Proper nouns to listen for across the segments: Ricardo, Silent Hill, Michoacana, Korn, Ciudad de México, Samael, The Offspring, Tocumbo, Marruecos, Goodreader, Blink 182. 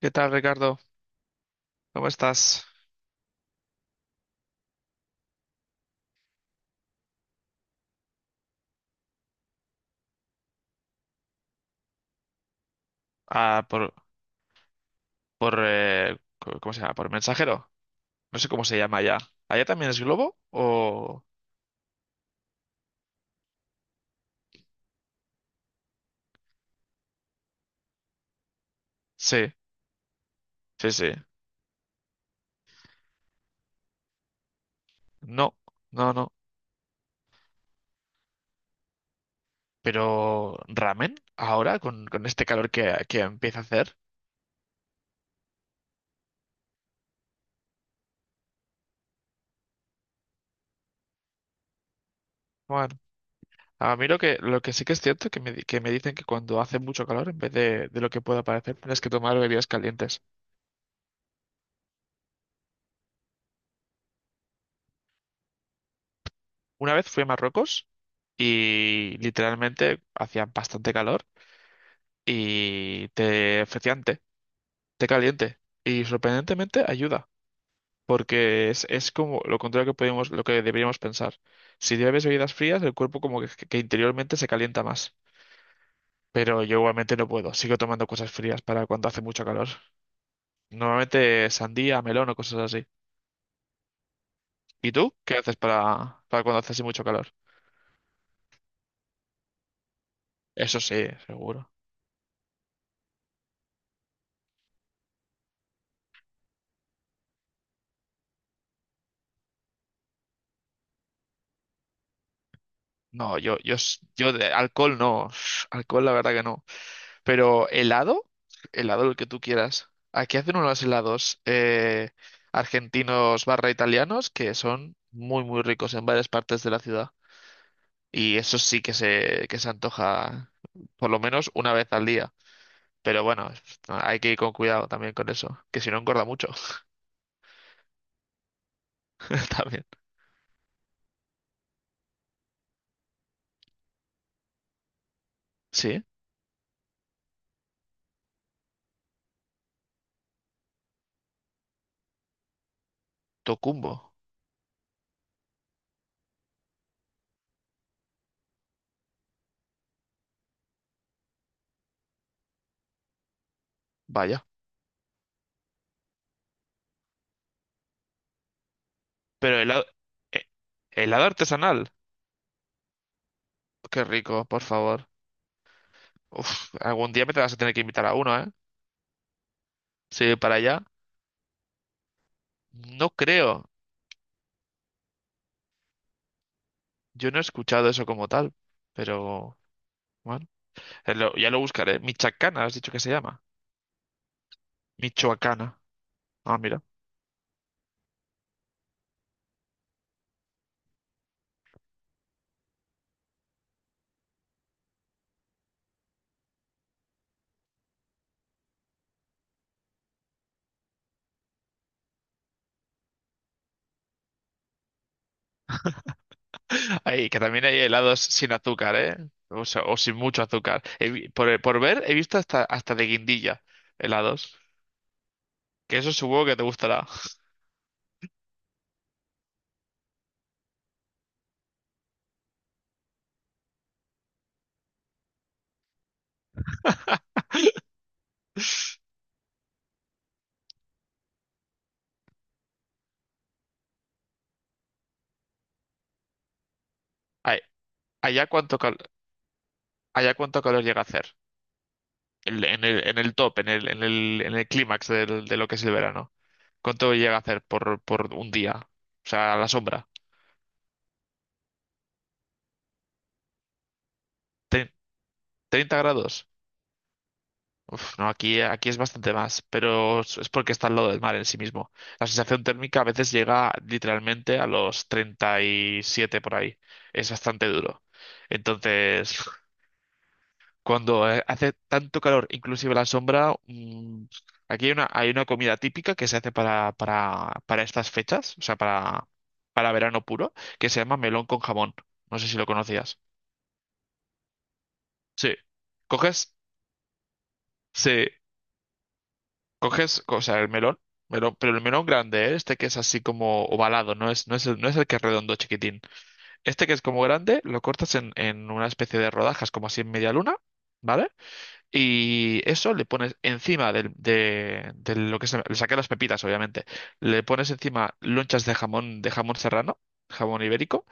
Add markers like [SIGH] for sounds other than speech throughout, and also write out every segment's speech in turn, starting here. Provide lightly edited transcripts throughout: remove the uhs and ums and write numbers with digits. ¿Qué tal, Ricardo? ¿Cómo estás? Ah, ¿cómo se llama? Por mensajero. No sé cómo se llama allá. ¿Allá también es globo? ¿O? Sí, sí, sí. No, no, no. Pero ramen, ahora, con este calor que empieza a hacer. Bueno, a mí lo que sí que es cierto que me dicen que cuando hace mucho calor, en vez de lo que pueda parecer, tienes que tomar bebidas calientes. Una vez fui a Marruecos y literalmente hacía bastante calor y te ofrecían té. Te caliente y sorprendentemente ayuda, porque es como lo contrario que podemos, lo que deberíamos pensar. Si bebes bebidas frías, el cuerpo como que interiormente se calienta más. Pero yo igualmente no puedo, sigo tomando cosas frías para cuando hace mucho calor. Normalmente sandía, melón o cosas así. ¿Y tú qué haces para cuando hace así mucho calor? Eso sí, seguro. No, yo de alcohol no. [SNIFFS] Alcohol la verdad que no. Pero helado, helado el que tú quieras. Aquí hacen unos helados argentinos/italianos que son muy muy ricos en varias partes de la ciudad. Y eso sí que se antoja por lo menos una vez al día. Pero bueno, hay que ir con cuidado también con eso, que si no engorda mucho [LAUGHS] también. Sí, Tocumbo, vaya. Pero helado, eh, helado artesanal, qué rico, por favor. Uf, algún día me te vas a tener que invitar a uno, ¿eh? Sí, para allá. No creo. Yo no he escuchado eso como tal. Pero bueno, ya lo buscaré. Michacana, has dicho que se llama. Michoacana. Ah, mira. [LAUGHS] Ahí, que también hay helados sin azúcar, ¿eh? O sea, o sin mucho azúcar. Por, por ver, he visto hasta, hasta de guindilla helados. Que eso supongo que te gustará. [LAUGHS] Ay, allá cuánto cal- allá cuánto calor llega a hacer. En el top, en el clímax de lo que es el verano. ¿Cuánto llega a hacer por un día? O sea, a la sombra. 30 grados. Uf, no, aquí es bastante más, pero es porque está al lado del mar en sí mismo. La sensación térmica a veces llega literalmente a los 37 por ahí. Es bastante duro. Entonces, cuando hace tanto calor, inclusive la sombra, aquí hay una comida típica que se hace para estas fechas, o sea, para verano puro, que se llama melón con jamón. No sé si lo conocías. Sí. Coges, sí. Coges, o sea, el melón, melón, pero el melón grande, ¿eh? Este que es así como ovalado, no es el que es redondo chiquitín. Este que es como grande, lo cortas en una especie de rodajas, como así en media luna, ¿vale? Y eso le pones encima de lo que se, le saqué las pepitas, obviamente. Le pones encima lonchas de jamón serrano, jamón ibérico,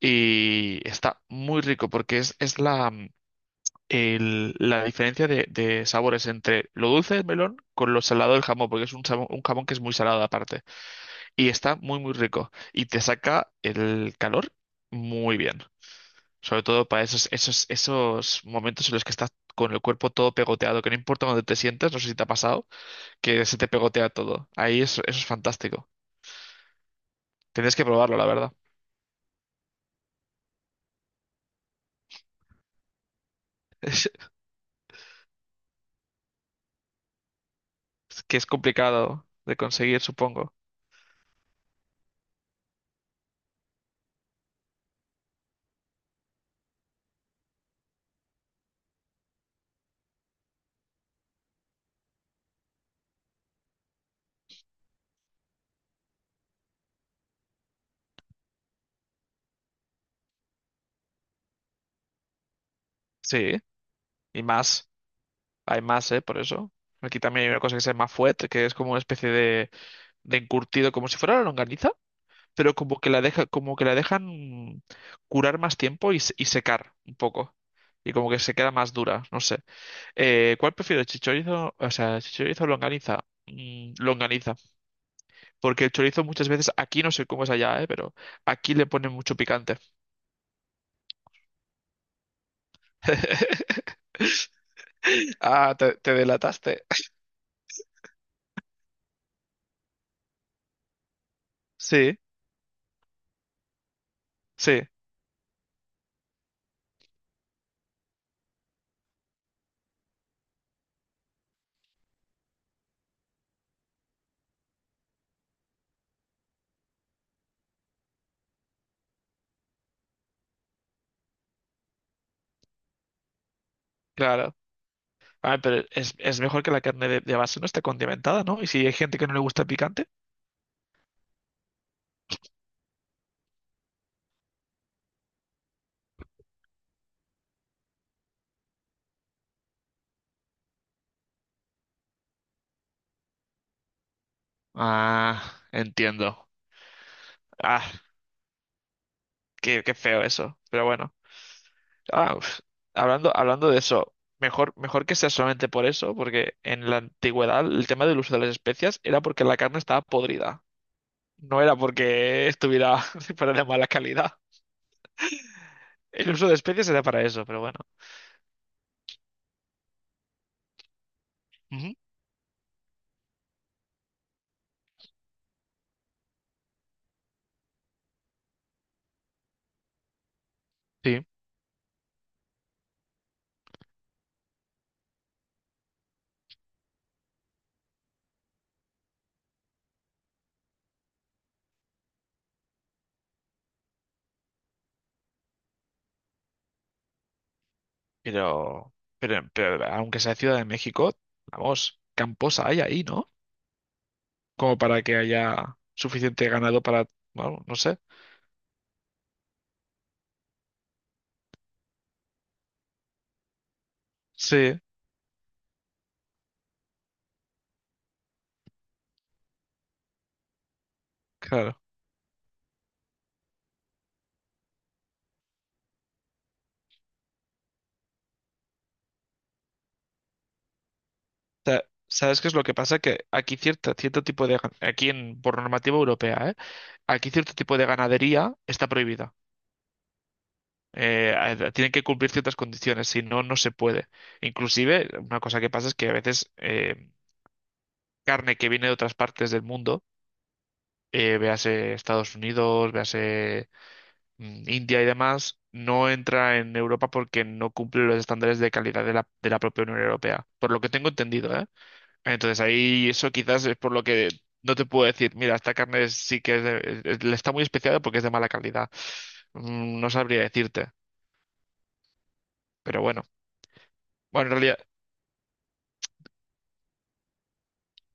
y está muy rico porque es la, la diferencia de sabores entre lo dulce del melón con lo salado del jamón, porque es un jamón que es muy salado aparte. Y está muy, muy rico. Y te saca el calor muy bien. Sobre todo para esos momentos en los que estás con el cuerpo todo pegoteado, que no importa dónde te sientes, no sé si te ha pasado, que se te pegotea todo. Ahí eso, eso es fantástico. Tienes que probarlo, la verdad. [LAUGHS] Es que es complicado de conseguir, supongo. Sí, y más. Hay más, ¿eh? Por eso. Aquí también hay una cosa que se llama fuet, que es como una especie de encurtido, como si fuera la longaniza, pero como que la dejan curar más tiempo y secar un poco. Y como que se queda más dura, no sé. ¿Cuál prefiero? ¿Chichorizo? O sea, ¿chichorizo o longaniza? Longaniza. Porque el chorizo muchas veces, aquí no sé cómo es allá, ¿eh? Pero aquí le ponen mucho picante. [LAUGHS] Ah, te delataste. Sí, sí, claro. Ah, pero es mejor que la carne de base no esté condimentada, ¿no? Y si hay gente que no le gusta el picante. Ah, entiendo. Ah, qué feo eso. Pero bueno. Ah, uf. Hablando de eso, mejor que sea solamente por eso, porque en la antigüedad el tema del uso de las especias era porque la carne estaba podrida. No era porque estuviera [LAUGHS] fuera de mala calidad. El uso de especias era para eso, pero bueno. Ujú, sí. Pero, pero aunque sea Ciudad de México, vamos, camposa hay ahí, ¿no? Como para que haya suficiente ganado para, bueno, no sé. Sí, claro. O ¿sabes qué es lo que pasa? Que aquí cierto tipo de, gan- aquí en, por normativa europea, ¿eh? Aquí cierto tipo de ganadería está prohibida. Eh, tienen que cumplir ciertas condiciones, si no, no se puede. Inclusive, una cosa que pasa es que a veces carne que viene de otras partes del mundo, véase Estados Unidos, véase India y demás, no entra en Europa porque no cumple los estándares de calidad de la propia Unión Europea, por lo que tengo entendido, ¿eh? Entonces ahí eso quizás es por lo que no te puedo decir, mira, esta carne sí que le está muy especiada porque es de mala calidad. No sabría decirte, pero bueno. Bueno, en realidad,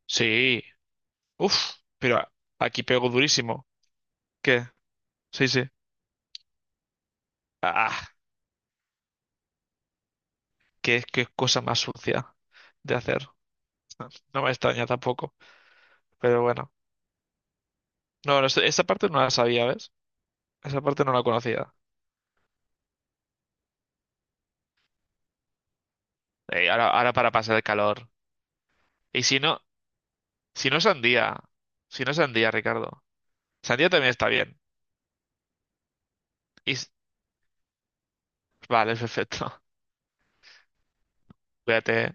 sí. Uf, pero aquí pego durísimo. ¿Qué? Sí, sí. Ah, qué cosa más sucia de hacer. [LAUGHS] No me extraña tampoco, pero bueno. No, no, esta parte no la sabía, ¿ves? Esa parte no la conocía. Ahora para pasar el calor. Y si no, si no sandía. Si no sandía, Ricardo. Sandía también está bien. Y, s- vale, perfecto. [LAUGHS] Cuídate.